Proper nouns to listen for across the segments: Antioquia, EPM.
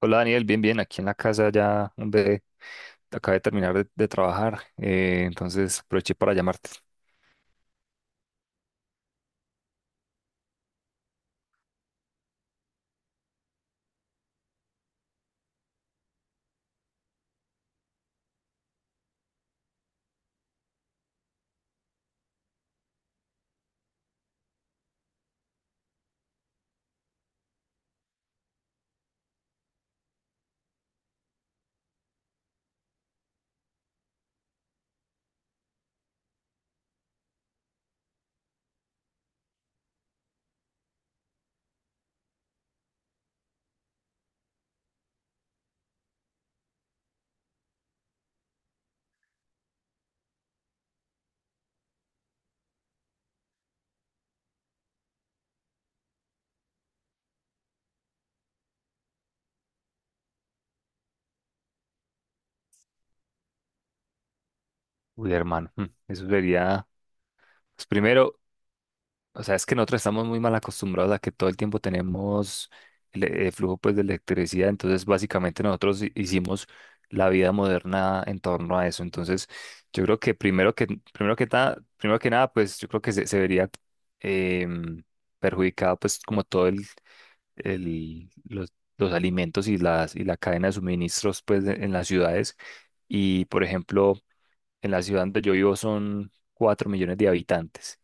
Hola Daniel, bien, bien, aquí en la casa ya, hombre, acabé de terminar de trabajar, entonces aproveché para llamarte. Uy, hermano, mm, eso sería, pues primero, o sea, es que nosotros estamos muy mal acostumbrados a que todo el tiempo tenemos el flujo pues de electricidad, entonces básicamente nosotros hicimos la vida moderna en torno a eso, entonces yo creo que primero que nada, pues yo creo que se vería em, perjudicado pues como todo el- los, los alimentos y y la cadena de suministros pues, en las ciudades. Y, por ejemplo, en la ciudad donde yo vivo son 4 millones de habitantes.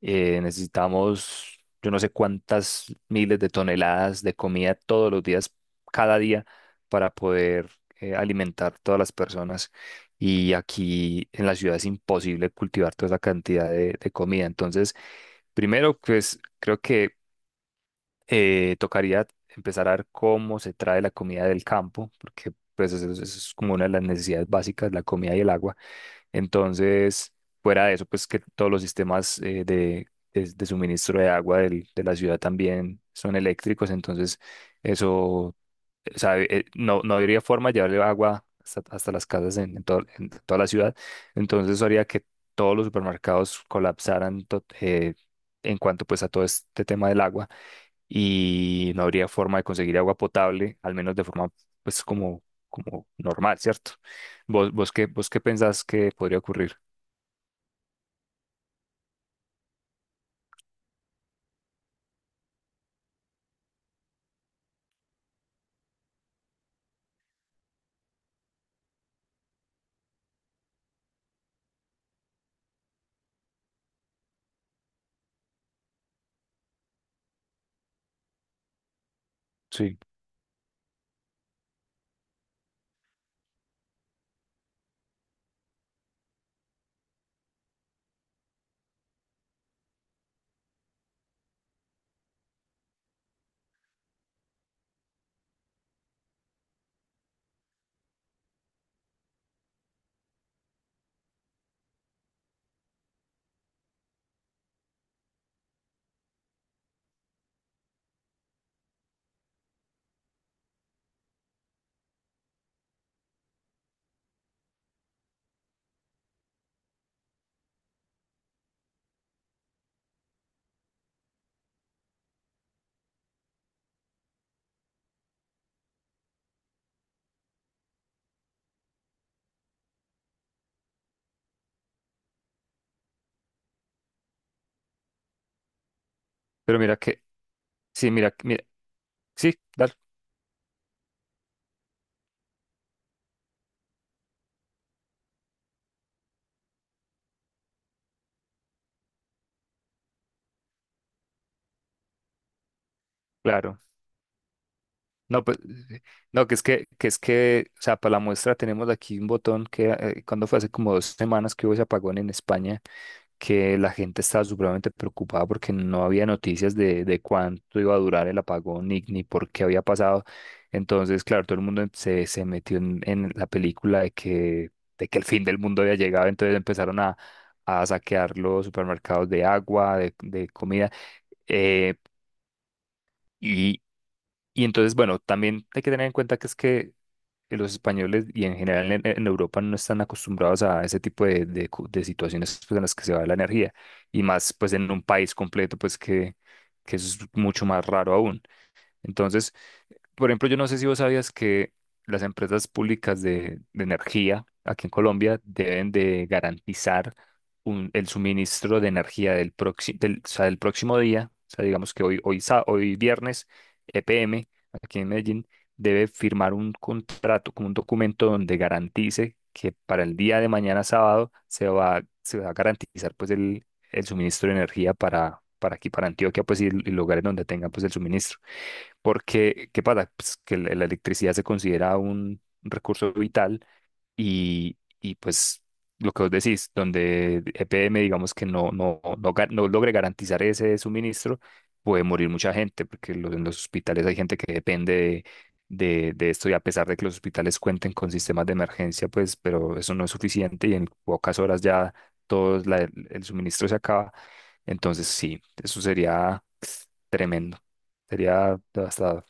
Necesitamos, yo no sé cuántas miles de toneladas de comida todos los días, cada día, para poder alimentar todas las personas. Y aquí en la ciudad es imposible cultivar toda esa cantidad de comida. Entonces, primero, pues creo que tocaría empezar a ver cómo se trae la comida del campo, porque pues eso es como una de las necesidades básicas, la comida y el agua. Entonces, fuera de eso, pues que todos los sistemas de suministro de agua de la ciudad también son eléctricos, entonces eso, o sea, no habría forma de llevarle agua hasta, hasta las casas en en toda la ciudad, entonces eso haría que todos los supermercados colapsaran en cuanto pues a todo este tema del agua y no habría forma de conseguir agua potable, al menos de forma pues como, como normal, ¿cierto? Vos qué pensás que podría ocurrir? Sí, pero mira que, sí, mira, mira, sí, dale, claro. No, pues, no, que es que, o sea, para la muestra tenemos aquí un botón que cuando fue hace como dos semanas que hubo ese apagón en España, que la gente estaba supremamente preocupada porque no había noticias de cuánto iba a durar el apagón ni por qué había pasado. Entonces, claro, todo el mundo se metió en la película de que el fin del mundo había llegado, entonces empezaron a saquear los supermercados de agua, de comida. eh, y, y entonces, bueno, también hay que tener en cuenta que es que los españoles y en general en Europa no están acostumbrados a ese tipo de situaciones pues, en las que se va la energía y más pues en un país completo pues que eso es mucho más raro aún. Entonces, por ejemplo, yo no sé si vos sabías que las empresas públicas de energía aquí en Colombia deben de garantizar el suministro de energía del, del próximo día. O sea, digamos que hoy viernes, EPM, aquí en Medellín, debe firmar un contrato, como un documento donde garantice que para el día de mañana sábado se va a garantizar pues el suministro de energía para aquí, para Antioquia, pues y lugares donde tengan pues el suministro. Porque, ¿qué pasa? Pues que la electricidad se considera un recurso vital y pues lo que vos decís, donde EPM digamos que no logre garantizar ese suministro, puede morir mucha gente, porque en los hospitales hay gente que depende de esto y a pesar de que los hospitales cuenten con sistemas de emergencia, pues, pero eso no es suficiente y en pocas horas ya el suministro se acaba. Entonces sí, eso sería tremendo, sería devastador.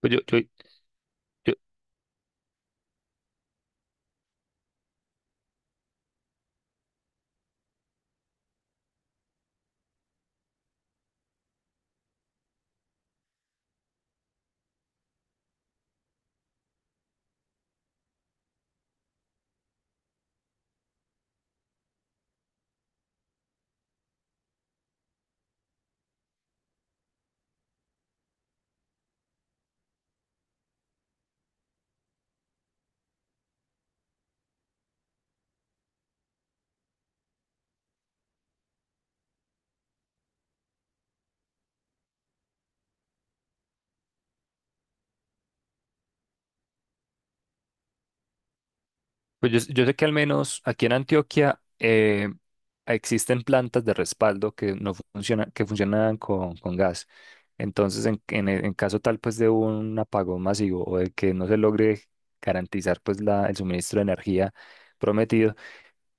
Pues yo, yo, Pues yo sé que al menos aquí en Antioquia existen plantas de respaldo que no funcionan, que funcionan con gas. Entonces, en caso tal pues de un apagón masivo o de que no se logre garantizar pues el suministro de energía prometido,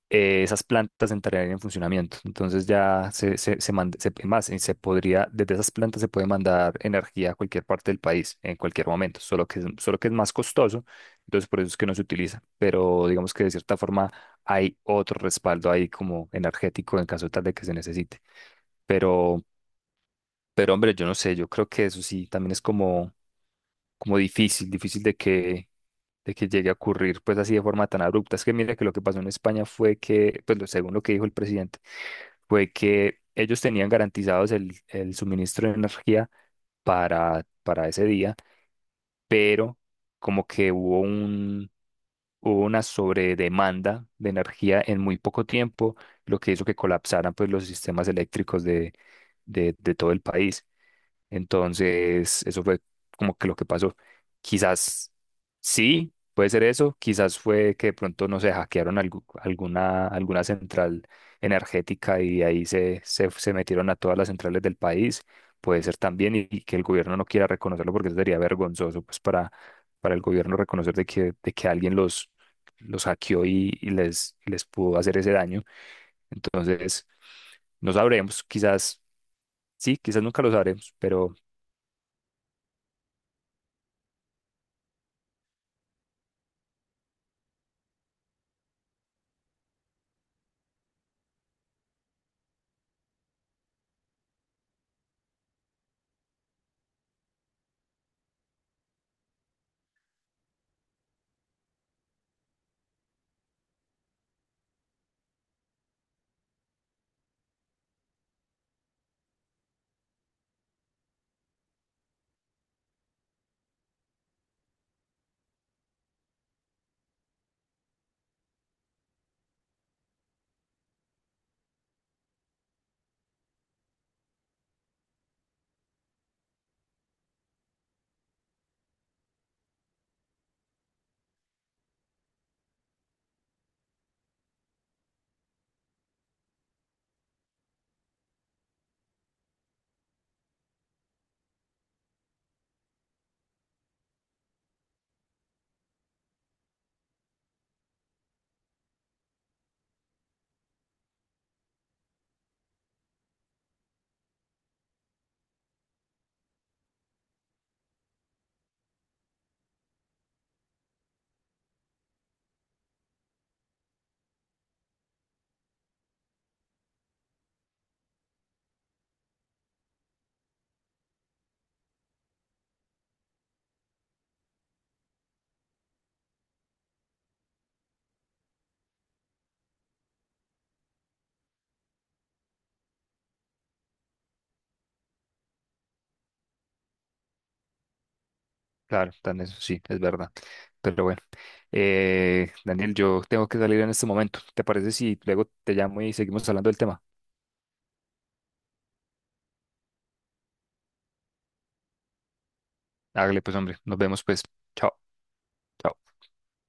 esas plantas entrarían en funcionamiento. Entonces ya se podría, desde esas plantas se puede mandar energía a cualquier parte del país en cualquier momento, solo que, solo que es más costoso, entonces por eso es que no se utiliza, pero digamos que de cierta forma hay otro respaldo ahí como energético en caso tal de que se necesite. Pero, pero hombre, yo no sé, yo creo que eso sí también es como, como difícil, difícil de que llegue a ocurrir pues así de forma tan abrupta. Es que mira que lo que pasó en España fue que, pues según lo que dijo el presidente, fue que ellos tenían garantizados el suministro de energía para ese día, pero como que hubo una sobredemanda de energía en muy poco tiempo, lo que hizo que colapsaran pues los sistemas eléctricos de todo el país. Entonces, eso fue como que lo que pasó. Quizás sí, puede ser eso. Quizás fue que de pronto, no sé, hackearon alguna, alguna central energética y de ahí se metieron a todas las centrales del país. Puede ser también y que el gobierno no quiera reconocerlo porque eso sería vergonzoso pues para el gobierno reconocer de que alguien los hackeó y les pudo hacer ese daño. Entonces, no sabremos. Quizás sí, quizás nunca lo sabremos, pero... Claro, también eso sí, es verdad. Pero bueno, Daniel, yo tengo que salir en este momento. ¿Te parece si luego te llamo y seguimos hablando del tema? Hágale pues, hombre, nos vemos pues. Chao. Chao.